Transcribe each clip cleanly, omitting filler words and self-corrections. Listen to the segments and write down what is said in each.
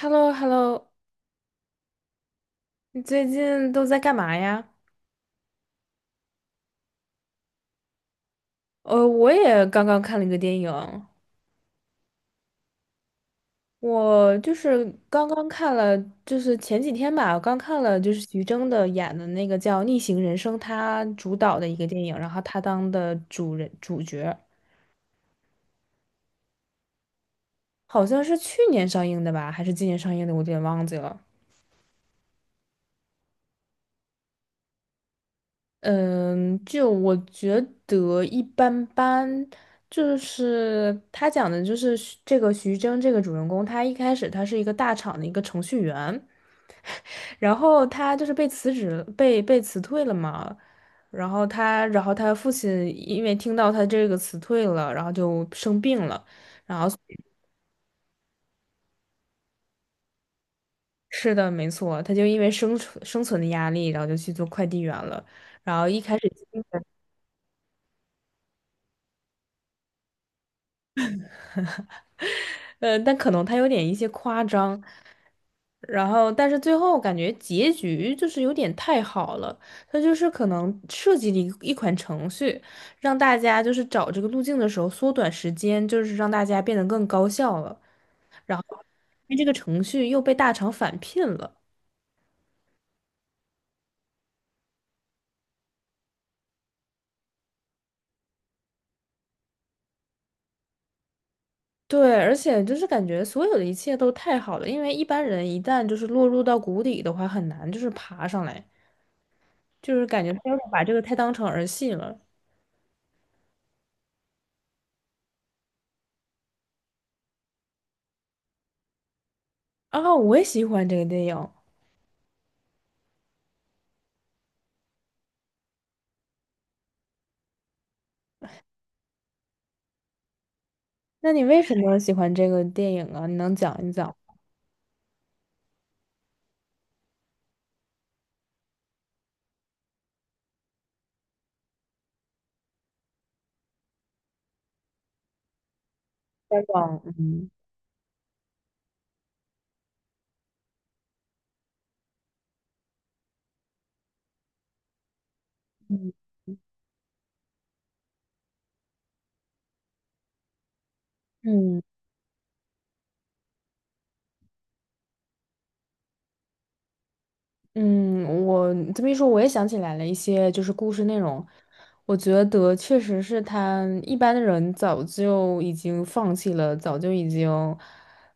h e l l o h e l l o 你最近都在干嘛呀？我也刚刚看了一个电影。我就是刚刚看了，就是前几天吧，我刚看了就是徐峥的演的那个叫《逆行人生》，他主导的一个电影，然后他当的主角，好像是去年上映的吧，还是今年上映的，我有点忘记了。嗯，就我觉得一般般。就是他讲的，就是这个徐峥这个主人公，他一开始他是一个大厂的一个程序员，然后他就是被辞职了，被辞退了嘛。然后他父亲因为听到他这个辞退了，然后就生病了。然后是的，没错，他就因为生存的压力，然后就去做快递员了，然后一开始。但可能他有点一些夸张，然后但是最后感觉结局就是有点太好了，他就是可能设计了一款程序，让大家就是找这个路径的时候缩短时间，就是让大家变得更高效了。因为这个程序又被大厂返聘了。对，而且就是感觉所有的一切都太好了，因为一般人一旦就是落入到谷底的话，很难就是爬上来，就是感觉他有点把这个太当成儿戏了。啊，我也喜欢这个电影。那你为什么喜欢这个电影啊？你能讲一讲？再讲。嗯。嗯。嗯。嗯，我这么一说，我也想起来了一些就是故事内容。我觉得确实是他一般的人早就已经放弃了，早就已经。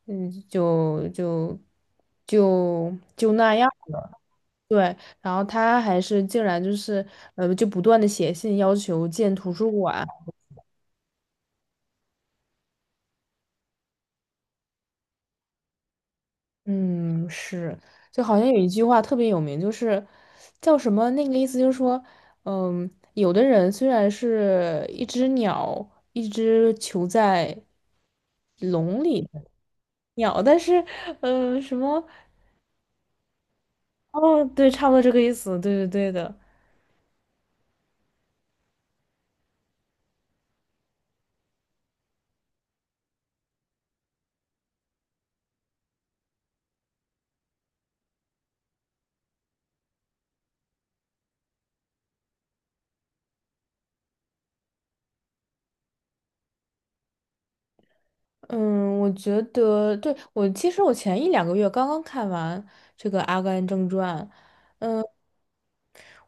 嗯，就就就那样了。对，然后他还是竟然就是就不断的写信要求建图书馆。嗯，是，就好像有一句话特别有名，就是叫什么？那个意思就是说，嗯，有的人虽然是一只鸟，一只囚在笼里的鸟，但是，什么？哦，对，差不多这个意思，对对对的。嗯，我觉得对我其实我前一两个月刚刚看完这个《阿甘正传》。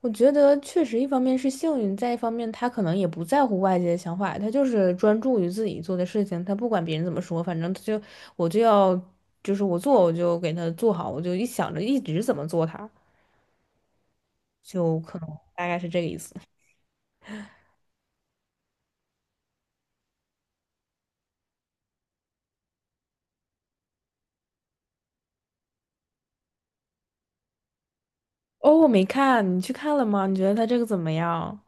我觉得确实，一方面是幸运，再一方面他可能也不在乎外界的想法，他就是专注于自己做的事情，他不管别人怎么说，反正他就我就要，就是我做我就给他做好，我就一想着一直怎么做他，就可能大概是这个意思。哦，我没看，你去看了吗？你觉得他这个怎么样？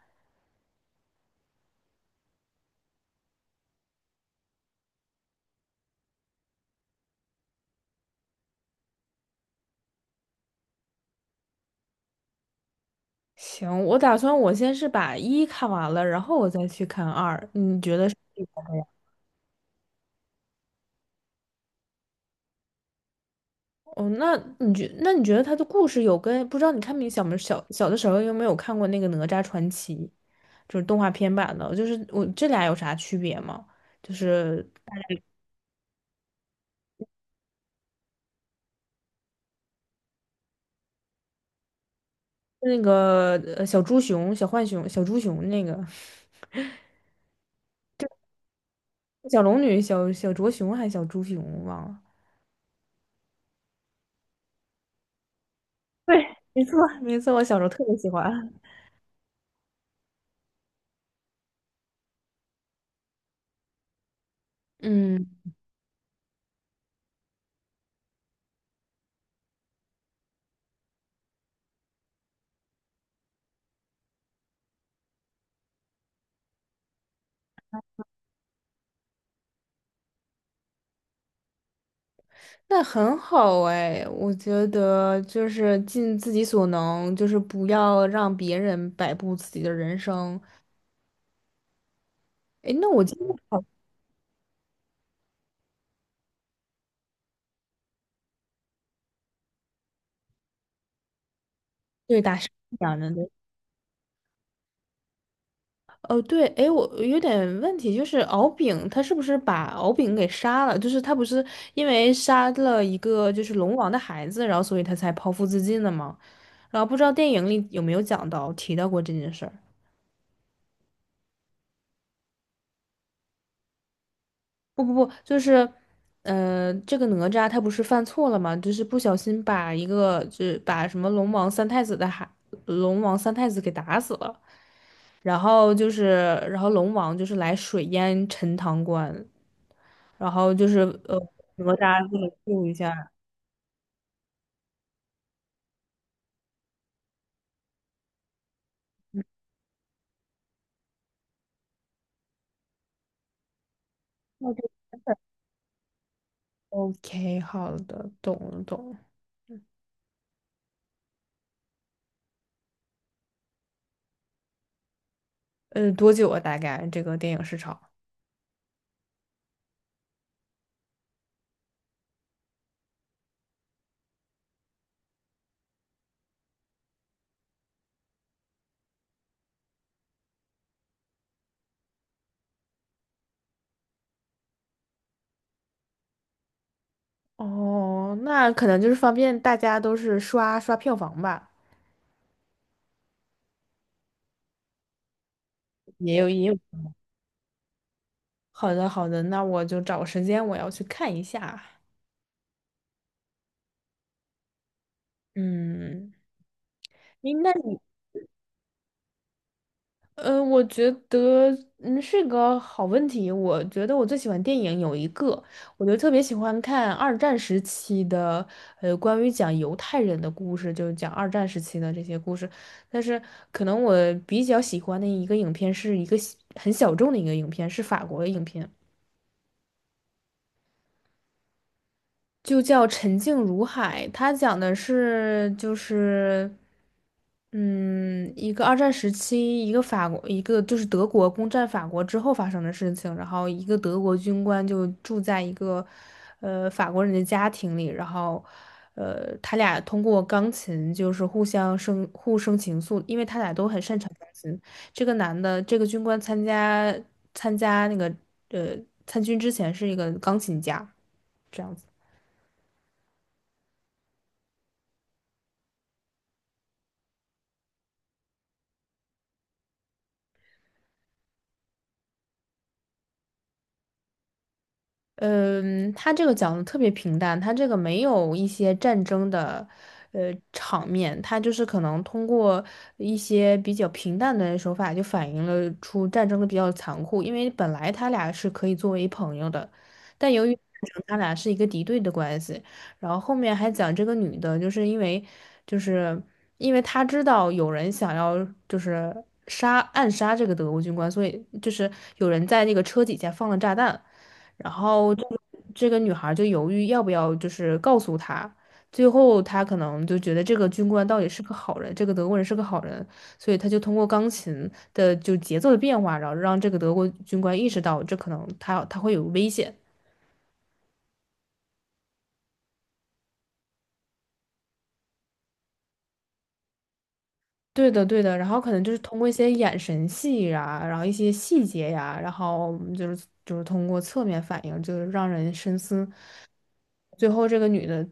行，我打算我先是把一看完了，然后我再去看二，你觉得是。哦，那你觉得他的故事有跟不知道你看没小小的时候有没有看过那个《哪吒传奇》，就是动画片版的，就是我这俩有啥区别吗？就是那个小猪熊、小浣熊、小猪熊那个小龙女、小小卓熊还是小猪熊忘了。对，没错，没错，我小时候特别喜欢。嗯，那很好哎，我觉得就是尽自己所能，就是不要让别人摆布自己的人生。哎，那我今天好，对，打生讲养着的。对，哦，对，哎，我有点问题，就是敖丙他是不是把敖丙给杀了？就是他不是因为杀了一个就是龙王的孩子，然后所以他才剖腹自尽的吗？然后不知道电影里有没有讲到提到过这件事儿。不不不，就是，这个哪吒他不是犯错了吗？就是不小心把一个，就是把什么龙王三太子的孩，龙王三太子给打死了，然后就是，然后龙王就是来水淹陈塘关，然后就是呃，哪吒就来救一下。哦，对， OK，好的，懂了懂了。多久啊？大概这个电影市场？哦，那可能就是方便大家都是刷刷票房吧，也有也有。好的，好的，那我就找个时间我要去看一下。嗯，你那你，我觉得是个好问题。我觉得我最喜欢电影有一个，我就特别喜欢看二战时期的，关于讲犹太人的故事，就是讲二战时期的这些故事。但是可能我比较喜欢的一个影片是一个很小众的一个影片，是法国的影片。就叫《沉静如海》，它讲的是就是，嗯，一个二战时期，一个法国，一个就是德国攻占法国之后发生的事情。然后一个德国军官就住在一个，法国人的家庭里，然后，他俩通过钢琴就是互生情愫，因为他俩都很擅长钢琴。这个男的，这个军官参加参加那个呃参军之前是一个钢琴家。这样子。嗯，他这个讲的特别平淡，他这个没有一些战争的，场面，他就是可能通过一些比较平淡的手法，就反映了出战争的比较残酷。因为本来他俩是可以作为朋友的，但由于战争他俩是一个敌对的关系，然后后面还讲这个女的，就是因为他知道有人想要就是暗杀这个德国军官，所以就是有人在那个车底下放了炸弹。然后这个女孩就犹豫要不要就是告诉他，最后他可能就觉得这个军官到底是个好人，这个德国人是个好人，所以他就通过钢琴的就节奏的变化，然后让这个德国军官意识到这可能他会有危险。对的，对的，然后可能就是通过一些眼神戏呀，然后一些细节呀，然后就是通过侧面反应，就是让人深思。最后，这个女的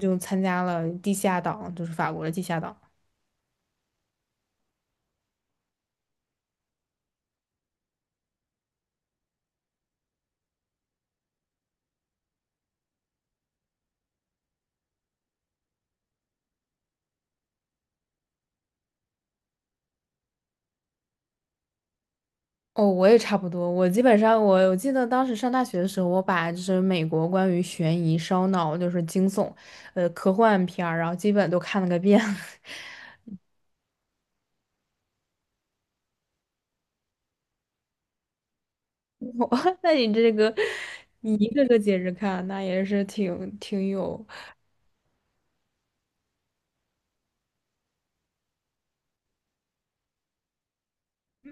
就参加了地下党，就是法国的地下党。哦，我也差不多。我基本上，我记得当时上大学的时候，我把就是美国关于悬疑、烧脑，就是惊悚，科幻片儿，然后基本都看了个遍。哇，那你一个个接着看，那也是挺有。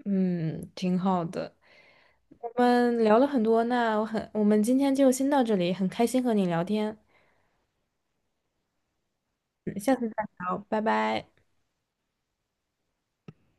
嗯，挺好的。我们聊了很多，那我很，我们今天就先到这里，很开心和你聊天。嗯，下次再聊，拜拜。